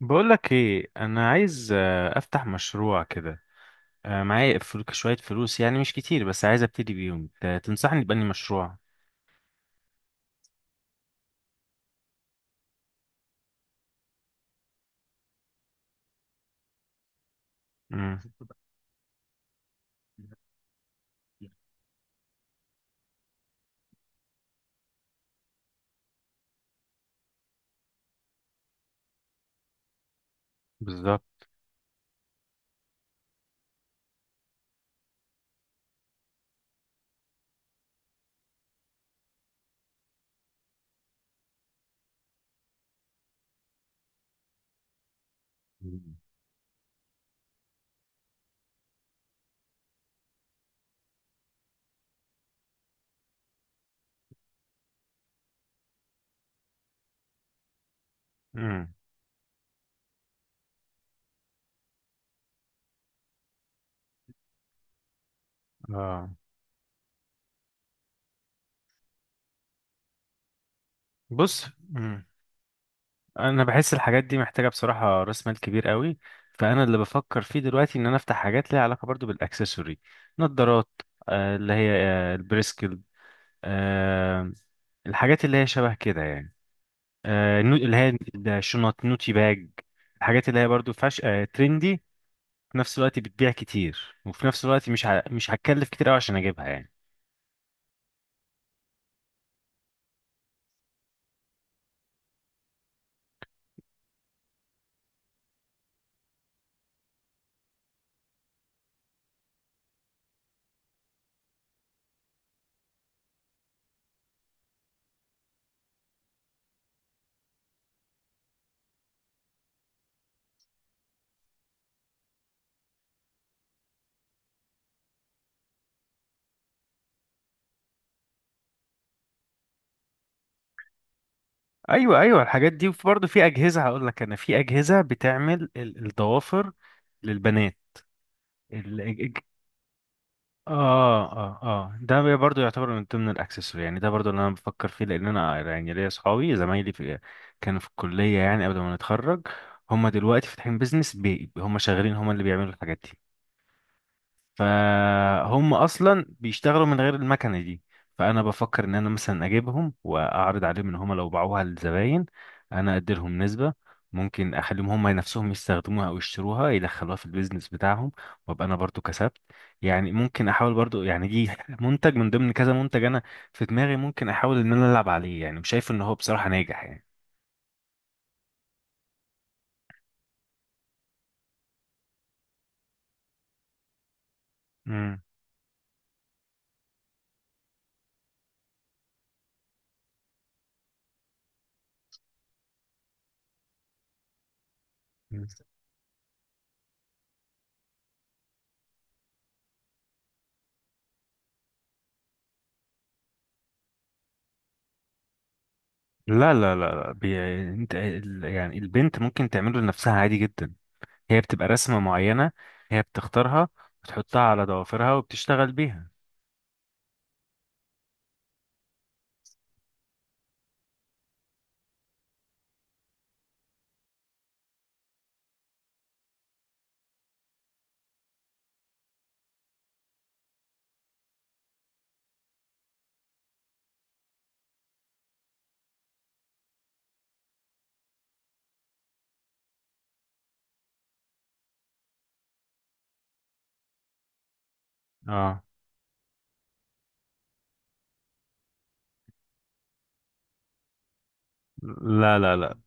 بقولك ايه، انا عايز افتح مشروع كده. معايا شوية فلوس، يعني مش كتير، بس عايز ابتدي بيهم. تنصحني بأني مشروع؟ امم بالظبط. امم اه. بص. امم انا بحس الحاجات دي محتاجة بصراحة راس مال كبير قوي. فانا اللي بفكر فيه دلوقتي ان انا افتح حاجات ليها علاقة برضو بالاكسسوري. نظارات، اللي هي البريسكل، آه، الحاجات اللي هي شبه كده يعني. اللي هي الشنط، نوتي باج. الحاجات اللي هي برضو فاش، ترندي، في نفس الوقت بتبيع كتير، وفي نفس الوقت مش هتكلف كتير قوي عشان اجيبها يعني. ايوه ايوه، الحاجات دي. وفي برضو في اجهزه، هقول لك، انا في اجهزه بتعمل الضوافر للبنات. ال... الج- اه. اه اه، ده برضو يعتبر من ضمن الاكسسوار يعني. ده برضو اللي انا بفكر فيه، لان انا يعني ليا اصحابي زمايلي في، كانوا في الكليه يعني قبل ما نتخرج. هم دلوقتي فاتحين بيزنس، بي هم شغالين، هم اللي بيعملوا الحاجات دي. فهم اصلا بيشتغلوا من غير المكنه دي. فانا بفكر ان انا مثلا اجيبهم واعرض عليهم ان هم لو باعوها للزباين انا ادي لهم نسبه. ممكن اخليهم هم نفسهم يستخدموها او يشتروها يدخلوها في البيزنس بتاعهم، وابقى انا برضو كسبت. يعني ممكن احاول برضو، يعني دي منتج من ضمن كذا منتج انا في دماغي، ممكن احاول ان انا العب عليه يعني، وشايف ان هو بصراحه ناجح يعني. مم. مم. لا لا لا لا، انت يعني البنت ممكن تعمله لنفسها عادي جدا. هي بتبقى رسمة معينة، هي بتختارها، بتحطها على ضوافرها وبتشتغل بيها. اه. لا لا لا.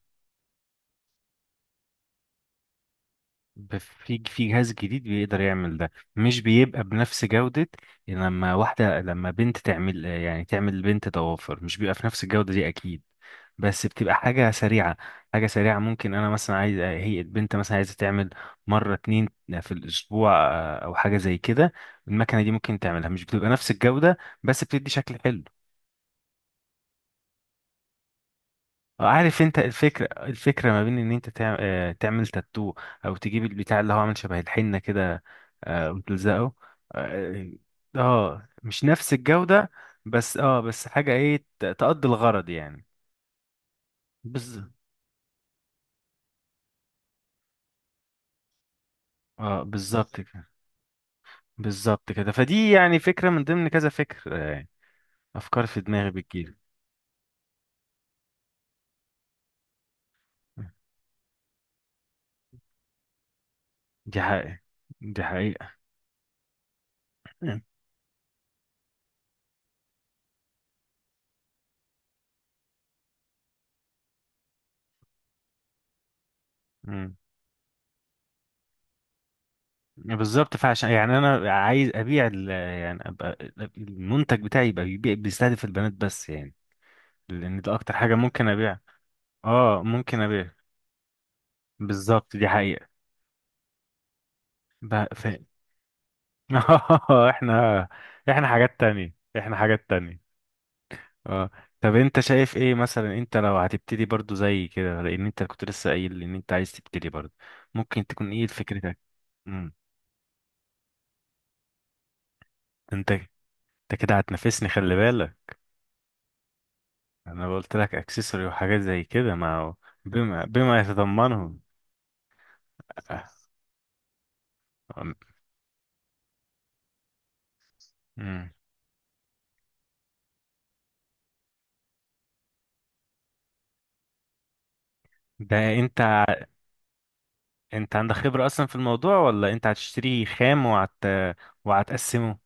في جهاز جديد بيقدر يعمل ده. مش بيبقى بنفس جودة، لما واحدة، لما بنت تعمل يعني تعمل لبنت ضوافر، مش بيبقى في نفس الجودة دي أكيد. بس بتبقى حاجة سريعة. حاجة سريعة، ممكن أنا مثلا عايز، هي البنت مثلا عايزة تعمل مرة اتنين في الأسبوع، أو حاجة زي كده. المكنة دي ممكن تعملها، مش بتبقى نفس الجودة بس بتدي شكل حلو. عارف انت الفكرة، الفكرة ما بين ان انت تعمل تاتو، او تجيب البتاع اللي هو عامل شبه الحنة كده، وتلزقه. اه. مش نفس الجودة. بس اه، بس حاجة ايه، تقضي الغرض يعني. بز... اه بالظبط كده. بالظبط كده. فدي يعني فكرة من ضمن كذا فكر آه، افكار في دماغي بتجيلي. دي حقيقة. دي حقيقة. مم. بالظبط. فعشان يعني انا عايز ابيع يعني ابقى المنتج بتاعي يبقى بيبيع، بيستهدف البنات بس يعني. لان ده اكتر حاجه ممكن ابيع. اه ممكن ابيع. بالظبط، دي حقيقه. ب- ف... احنا، احنا حاجات تانية، احنا حاجات تانية. اه. طب انت شايف ايه مثلا، انت لو هتبتدي برضو زي كده، لان انت كنت لسه قايل ان انت عايز تبتدي برضو؟ ممكن تكون ايه فكرتك؟ امم انت كده هتنافسني، خلي بالك. انا قلت لك اكسسوري وحاجات زي كده. ما هو بما يتضمنه، آه، أمم. ده انت، انت عندك خبرة اصلا في الموضوع، ولا انت هتشتريه خام، وهت، وهتقسمه؟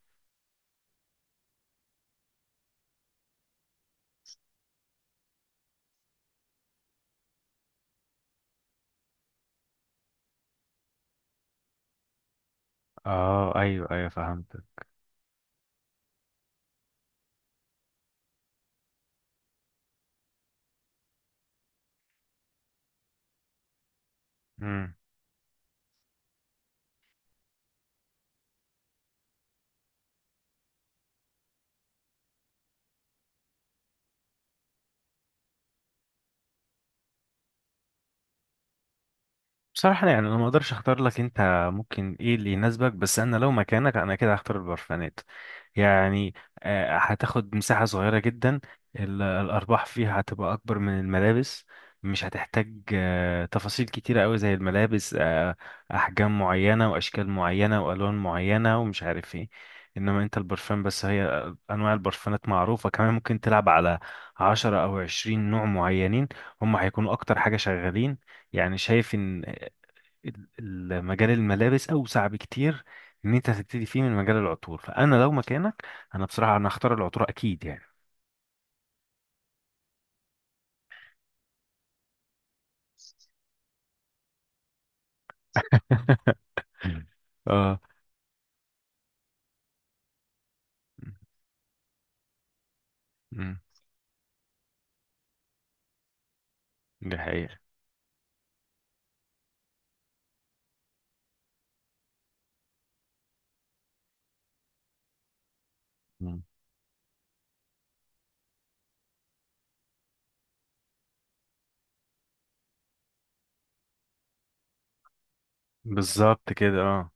اه ايوه ايوه فهمت. بصراحة يعني أنا ما أقدرش أختار لك أنت، ممكن إيه اللي يناسبك. بس أنا لو مكانك أنا كده هختار البرفانات يعني. هتاخد مساحة صغيرة جدا، الأرباح فيها هتبقى أكبر من الملابس، مش هتحتاج تفاصيل كتيرة أوي زي الملابس، أحجام معينة وأشكال معينة وألوان معينة ومش عارف إيه. إنما أنت البرفان بس، هي أنواع البرفانات معروفة، كمان ممكن تلعب على 10 أو 20 نوع معينين، هم هيكونوا أكتر حاجة شغالين. يعني شايف ان مجال الملابس اوسع بكتير، ان انت هتبتدي فيه من مجال العطور. فانا لو مكانك، انا بصراحه انا هختار العطور اكيد يعني. مم. اه. مم. دي حقيقة. مم. بالظبط كده اه.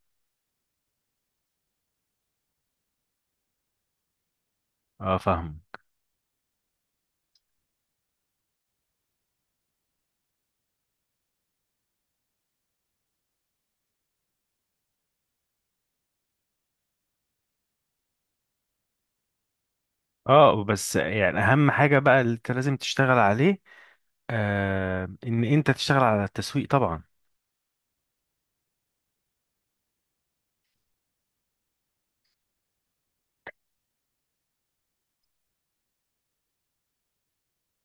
اه فاهم. اه بس يعني اهم حاجة بقى اللي انت لازم تشتغل عليه، آه، ان انت تشتغل على التسويق طبعا.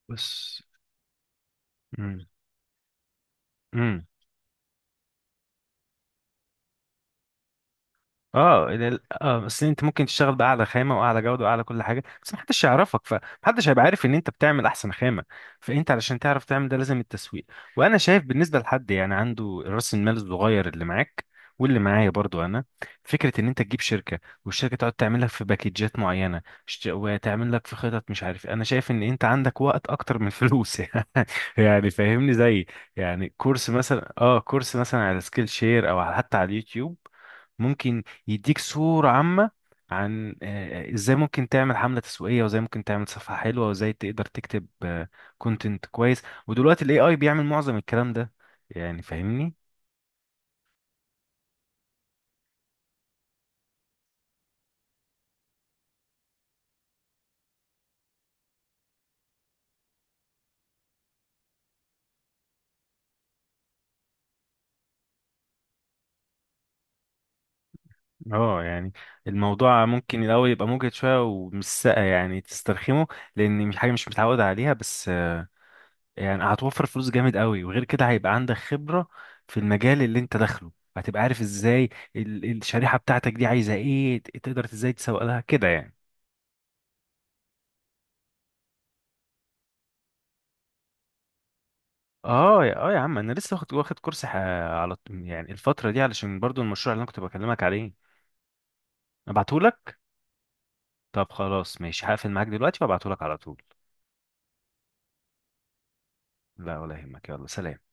بس مم. مم. اه، اه بس انت ممكن تشتغل باعلى خامه واعلى جوده واعلى كل حاجه، بس محدش يعرفك، فمحدش هيبقى عارف ان انت بتعمل احسن خامه. فانت علشان تعرف تعمل ده لازم التسويق. وانا شايف بالنسبه لحد يعني عنده راس المال الصغير اللي معاك واللي معايا برضو انا، فكره ان انت تجيب شركه، والشركه تقعد تعمل لك في باكيجات معينه، وتعمل لك في خطط، مش عارف. انا شايف ان انت عندك وقت اكتر من فلوس يعني. يعني فاهمني، زي يعني كورس مثلا. اه، كورس مثلا على سكيل شير، حتى على اليوتيوب، ممكن يديك صورة عامة عن ازاي ممكن تعمل حملة تسويقية، وازاي ممكن تعمل صفحة حلوة، وازاي تقدر تكتب كونتنت كويس. ودلوقتي الاي اي بيعمل معظم الكلام ده يعني، فاهمني. اه يعني الموضوع ممكن الاول يبقى مجهد شوية ومش يعني تسترخمه، لان مش حاجة مش متعود عليها. بس يعني هتوفر فلوس جامد قوي، وغير كده هيبقى عندك خبرة في المجال اللي انت داخله. هتبقى عارف ازاي ال- الشريحة بتاعتك دي عايزة ايه، تقدر ازاي تسوق لها كده يعني. اه يا، اه يا عم، انا لسه واخد كورس على يعني الفتره دي، علشان برضو المشروع اللي انا كنت بكلمك عليه، ابعتهولك. طب خلاص ماشي، هقفل معاك دلوقتي وابعتهولك على طول. لا ولا يهمك، يلا سلام.